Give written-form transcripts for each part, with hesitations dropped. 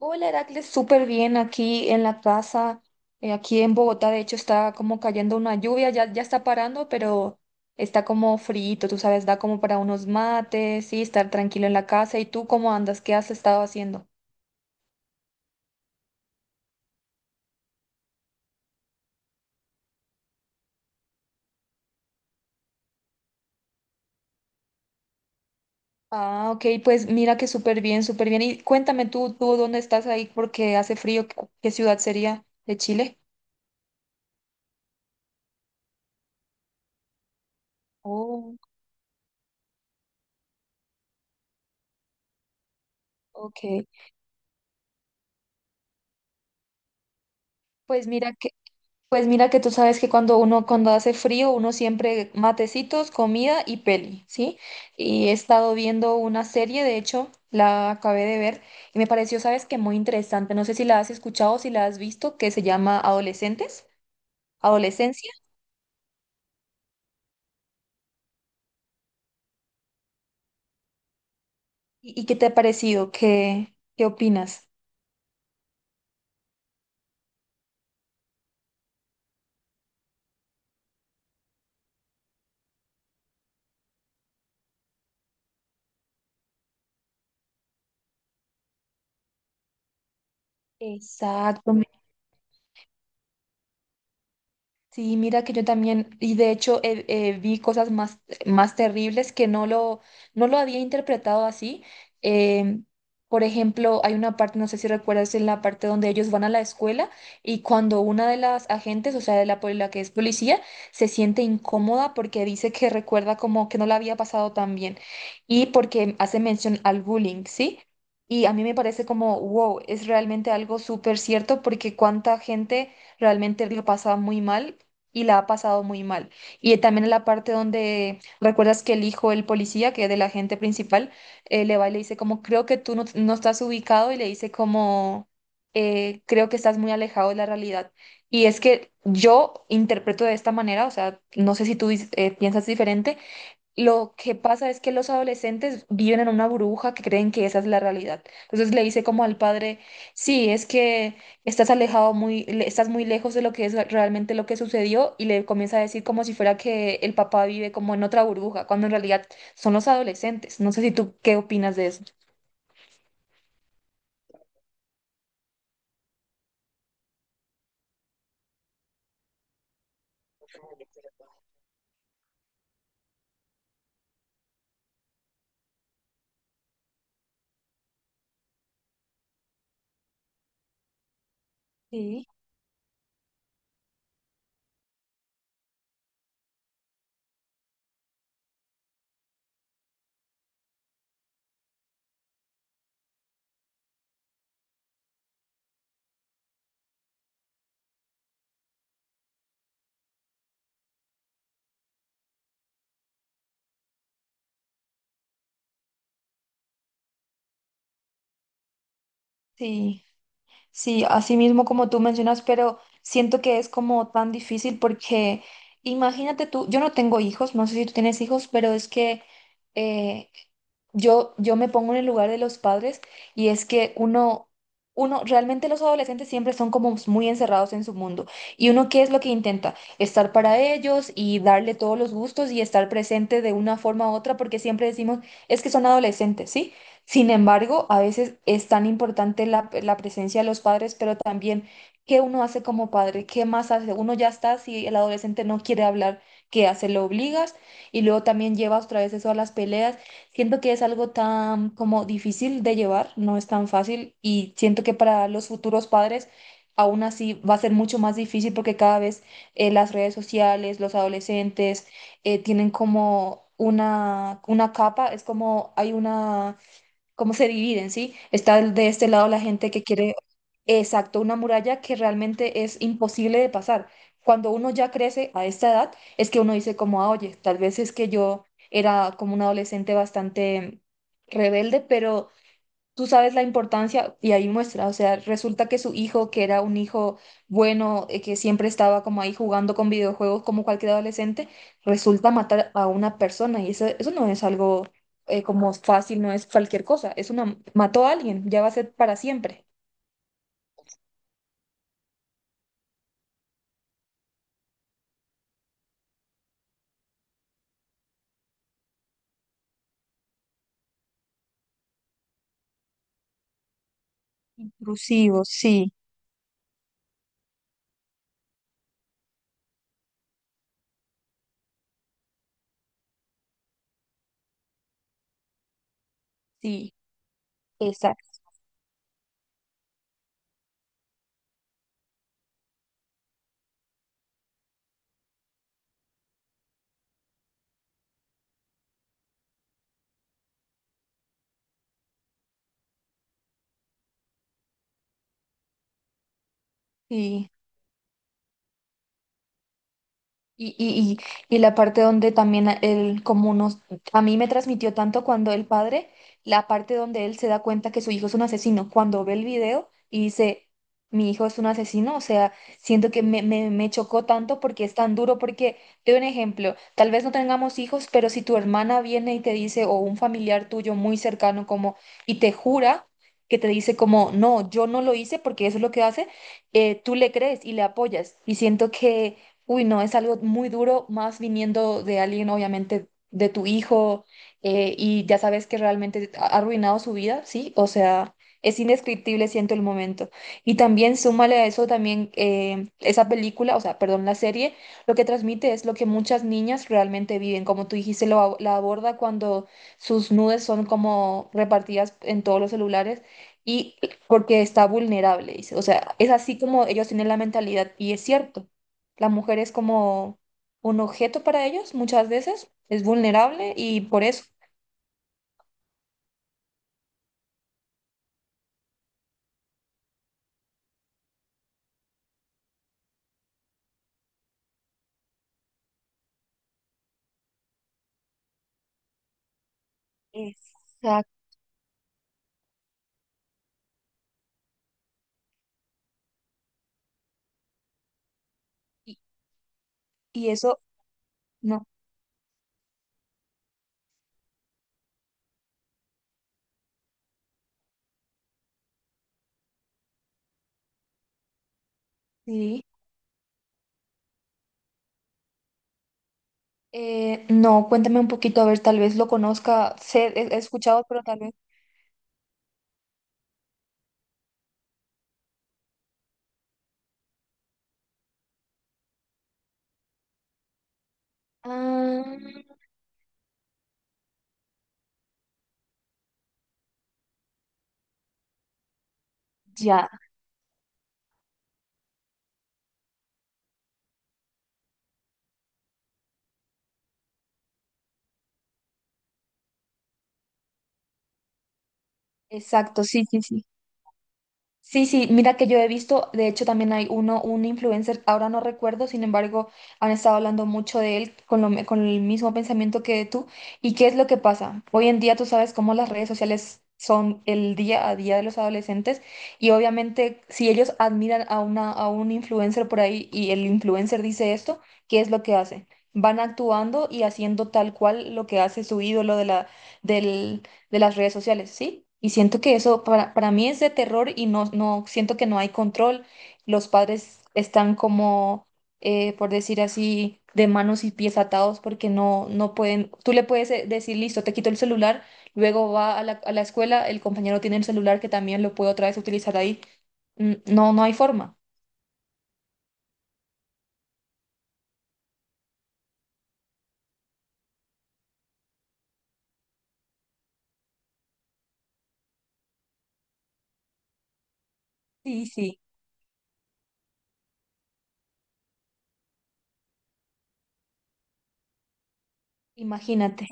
Hola Heracles, súper bien aquí en la casa, aquí en Bogotá, de hecho está como cayendo una lluvia, ya está parando, pero está como frito, tú sabes, da como para unos mates y estar tranquilo en la casa. ¿Y tú cómo andas? ¿Qué has estado haciendo? Ah, ok, pues mira que súper bien, súper bien. Y cuéntame tú dónde estás ahí porque hace frío, ¿qué ciudad sería de Chile? Oh, ok. Pues mira que... Pues mira que tú sabes que cuando hace frío, uno siempre matecitos, comida y peli, ¿sí? Y he estado viendo una serie, de hecho, la acabé de ver y me pareció, sabes que muy interesante. No sé si la has escuchado o si la has visto, que se llama Adolescentes, Adolescencia. ¿Y qué te ha parecido? ¿Qué opinas? Exacto. Sí, mira que yo también, y de hecho vi cosas más terribles que no lo había interpretado así. Em, por ejemplo, hay una parte, no sé si recuerdas, en la parte donde ellos van a la escuela y cuando una de las agentes, o sea, la que es policía, se siente incómoda porque dice que recuerda como que no la había pasado tan bien y porque hace mención al bullying, ¿sí? Y a mí me parece como, wow, es realmente algo súper cierto porque cuánta gente realmente lo pasa muy mal y la ha pasado muy mal. Y también en la parte donde recuerdas que el hijo, el policía, que es del agente principal, le va y le dice como, creo que tú no estás ubicado y le dice como, creo que estás muy alejado de la realidad. Y es que yo interpreto de esta manera, o sea, no sé si tú piensas diferente, lo que pasa es que los adolescentes viven en una burbuja que creen que esa es la realidad. Entonces le dice como al padre, sí, es que estás alejado estás muy lejos de lo que es realmente lo que sucedió y le comienza a decir como si fuera que el papá vive como en otra burbuja, cuando en realidad son los adolescentes. No sé si tú qué opinas de eso. Sí, sí. Sí, así mismo como tú mencionas, pero siento que es como tan difícil porque imagínate tú, yo no tengo hijos, no sé si tú tienes hijos, pero es que eh, yo me pongo en el lugar de los padres y es que uno, realmente los adolescentes siempre son como muy encerrados en su mundo. ¿Y uno qué es lo que intenta? Estar para ellos y darle todos los gustos y estar presente de una forma u otra porque siempre decimos, es que son adolescentes, ¿sí? Sin embargo, a veces es tan importante la presencia de los padres, pero también qué uno hace como padre, qué más hace. Uno ya está, si el adolescente no quiere hablar, ¿qué hace? Lo obligas y luego también llevas otra vez eso a las peleas. Siento que es algo tan como difícil de llevar, no es tan fácil y siento que para los futuros padres... Aún así va a ser mucho más difícil porque cada vez las redes sociales, los adolescentes tienen como una capa, es como hay una, cómo se dividen, ¿sí? Está el- de este lado la gente que quiere, exacto, una muralla que realmente es imposible de pasar. Cuando uno ya crece a esta edad, es que uno dice como, "Ah, oye, tal vez es que yo era como un adolescente bastante rebelde, pero tú sabes la importancia", y ahí muestra, o sea, resulta que su hijo, que era un hijo bueno, que siempre estaba como ahí jugando con videojuegos como cualquier adolescente, resulta matar a una persona y eso no es algo como fácil, no es cualquier cosa, es una, mató a alguien, ya va a ser para siempre. Intrusivos, sí. Sí, exacto. Sí. Y, y, y la parte donde también él, como nos, a mí me transmitió tanto cuando el padre, la parte donde él se da cuenta que su hijo es un asesino, cuando ve el video y dice, mi hijo es un asesino, o sea, siento que me chocó tanto porque es tan duro, porque, te doy un ejemplo, tal vez no tengamos hijos, pero si tu hermana viene y te dice, o un familiar tuyo muy cercano como, y te jura, que te dice como, no, yo no lo hice porque eso es lo que hace, tú le crees y le apoyas. Y siento que uy, no, es algo muy duro, más viniendo de alguien, obviamente, de tu hijo, y ya sabes que realmente ha arruinado su vida, ¿sí? O sea, es indescriptible, siento el momento. Y también súmale a eso también esa película, o sea, perdón, la serie, lo que transmite es lo que muchas niñas realmente viven. Como tú dijiste, la aborda cuando sus nudes son como repartidas en todos los celulares. Y porque está vulnerable, dice. O sea, es así como ellos tienen la mentalidad, y es cierto. La mujer es como un objeto para ellos muchas veces, es vulnerable y por eso. Exacto. Y, y eso, no, sí. No, cuéntame un poquito, a ver, tal vez lo conozca, sé, he escuchado, pero tal vez. Ah, ya, exacto, sí, sí, sí. Sí, sí, mira que yo he visto, de hecho también hay uno, un influencer, ahora no recuerdo, sin embargo, han estado hablando mucho de él con el mismo pensamiento que tú. ¿Y qué es lo que pasa? Hoy en día tú sabes cómo las redes sociales son el día a día de los adolescentes y obviamente si ellos admiran a un influencer por ahí y el influencer dice esto, ¿qué es lo que hacen? Van actuando y haciendo tal cual lo que hace su ídolo de de las redes sociales, ¿sí? Y siento que eso para mí es de terror y no siento que no hay control. Los padres están como, por decir así, de manos y pies atados porque no pueden, tú le puedes decir, listo, te quito el celular, luego va a a la escuela, el compañero tiene el celular que también lo puede otra vez utilizar ahí. Mm, no, no hay forma. Sí, sí. Imagínate.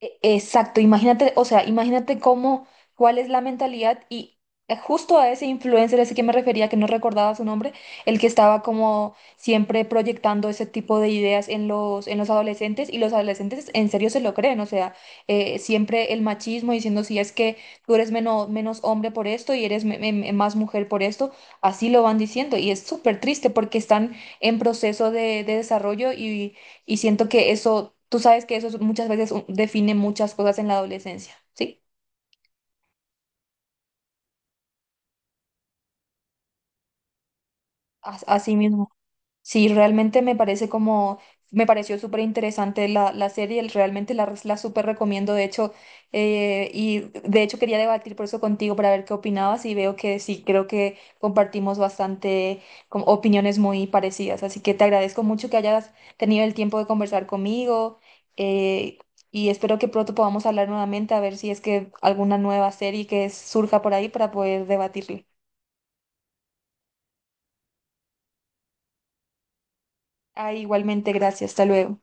Exacto, imagínate, o sea, imagínate cómo, cuál es la mentalidad y justo a ese influencer, ese que me refería, que no recordaba su nombre, el que estaba como siempre proyectando ese tipo de ideas en en los adolescentes y los adolescentes en serio se lo creen, o sea, siempre el machismo diciendo si es que tú eres menos hombre por esto y eres más mujer por esto, así lo van diciendo y es súper triste porque están en proceso de desarrollo y siento que eso, tú sabes que eso es- muchas veces un- define muchas cosas en la adolescencia, ¿sí? Así mismo. Sí, realmente me parece como, me pareció súper interesante la serie, el- realmente la súper recomiendo, de hecho, y de hecho quería debatir por eso contigo para ver qué opinabas y veo que sí, creo que compartimos bastante como opiniones muy parecidas, así que te agradezco mucho que hayas tenido el tiempo de conversar conmigo, eh, y espero que pronto podamos hablar nuevamente a ver si es que alguna nueva serie que surja por ahí para poder debatirla. Ah, igualmente, gracias, hasta luego.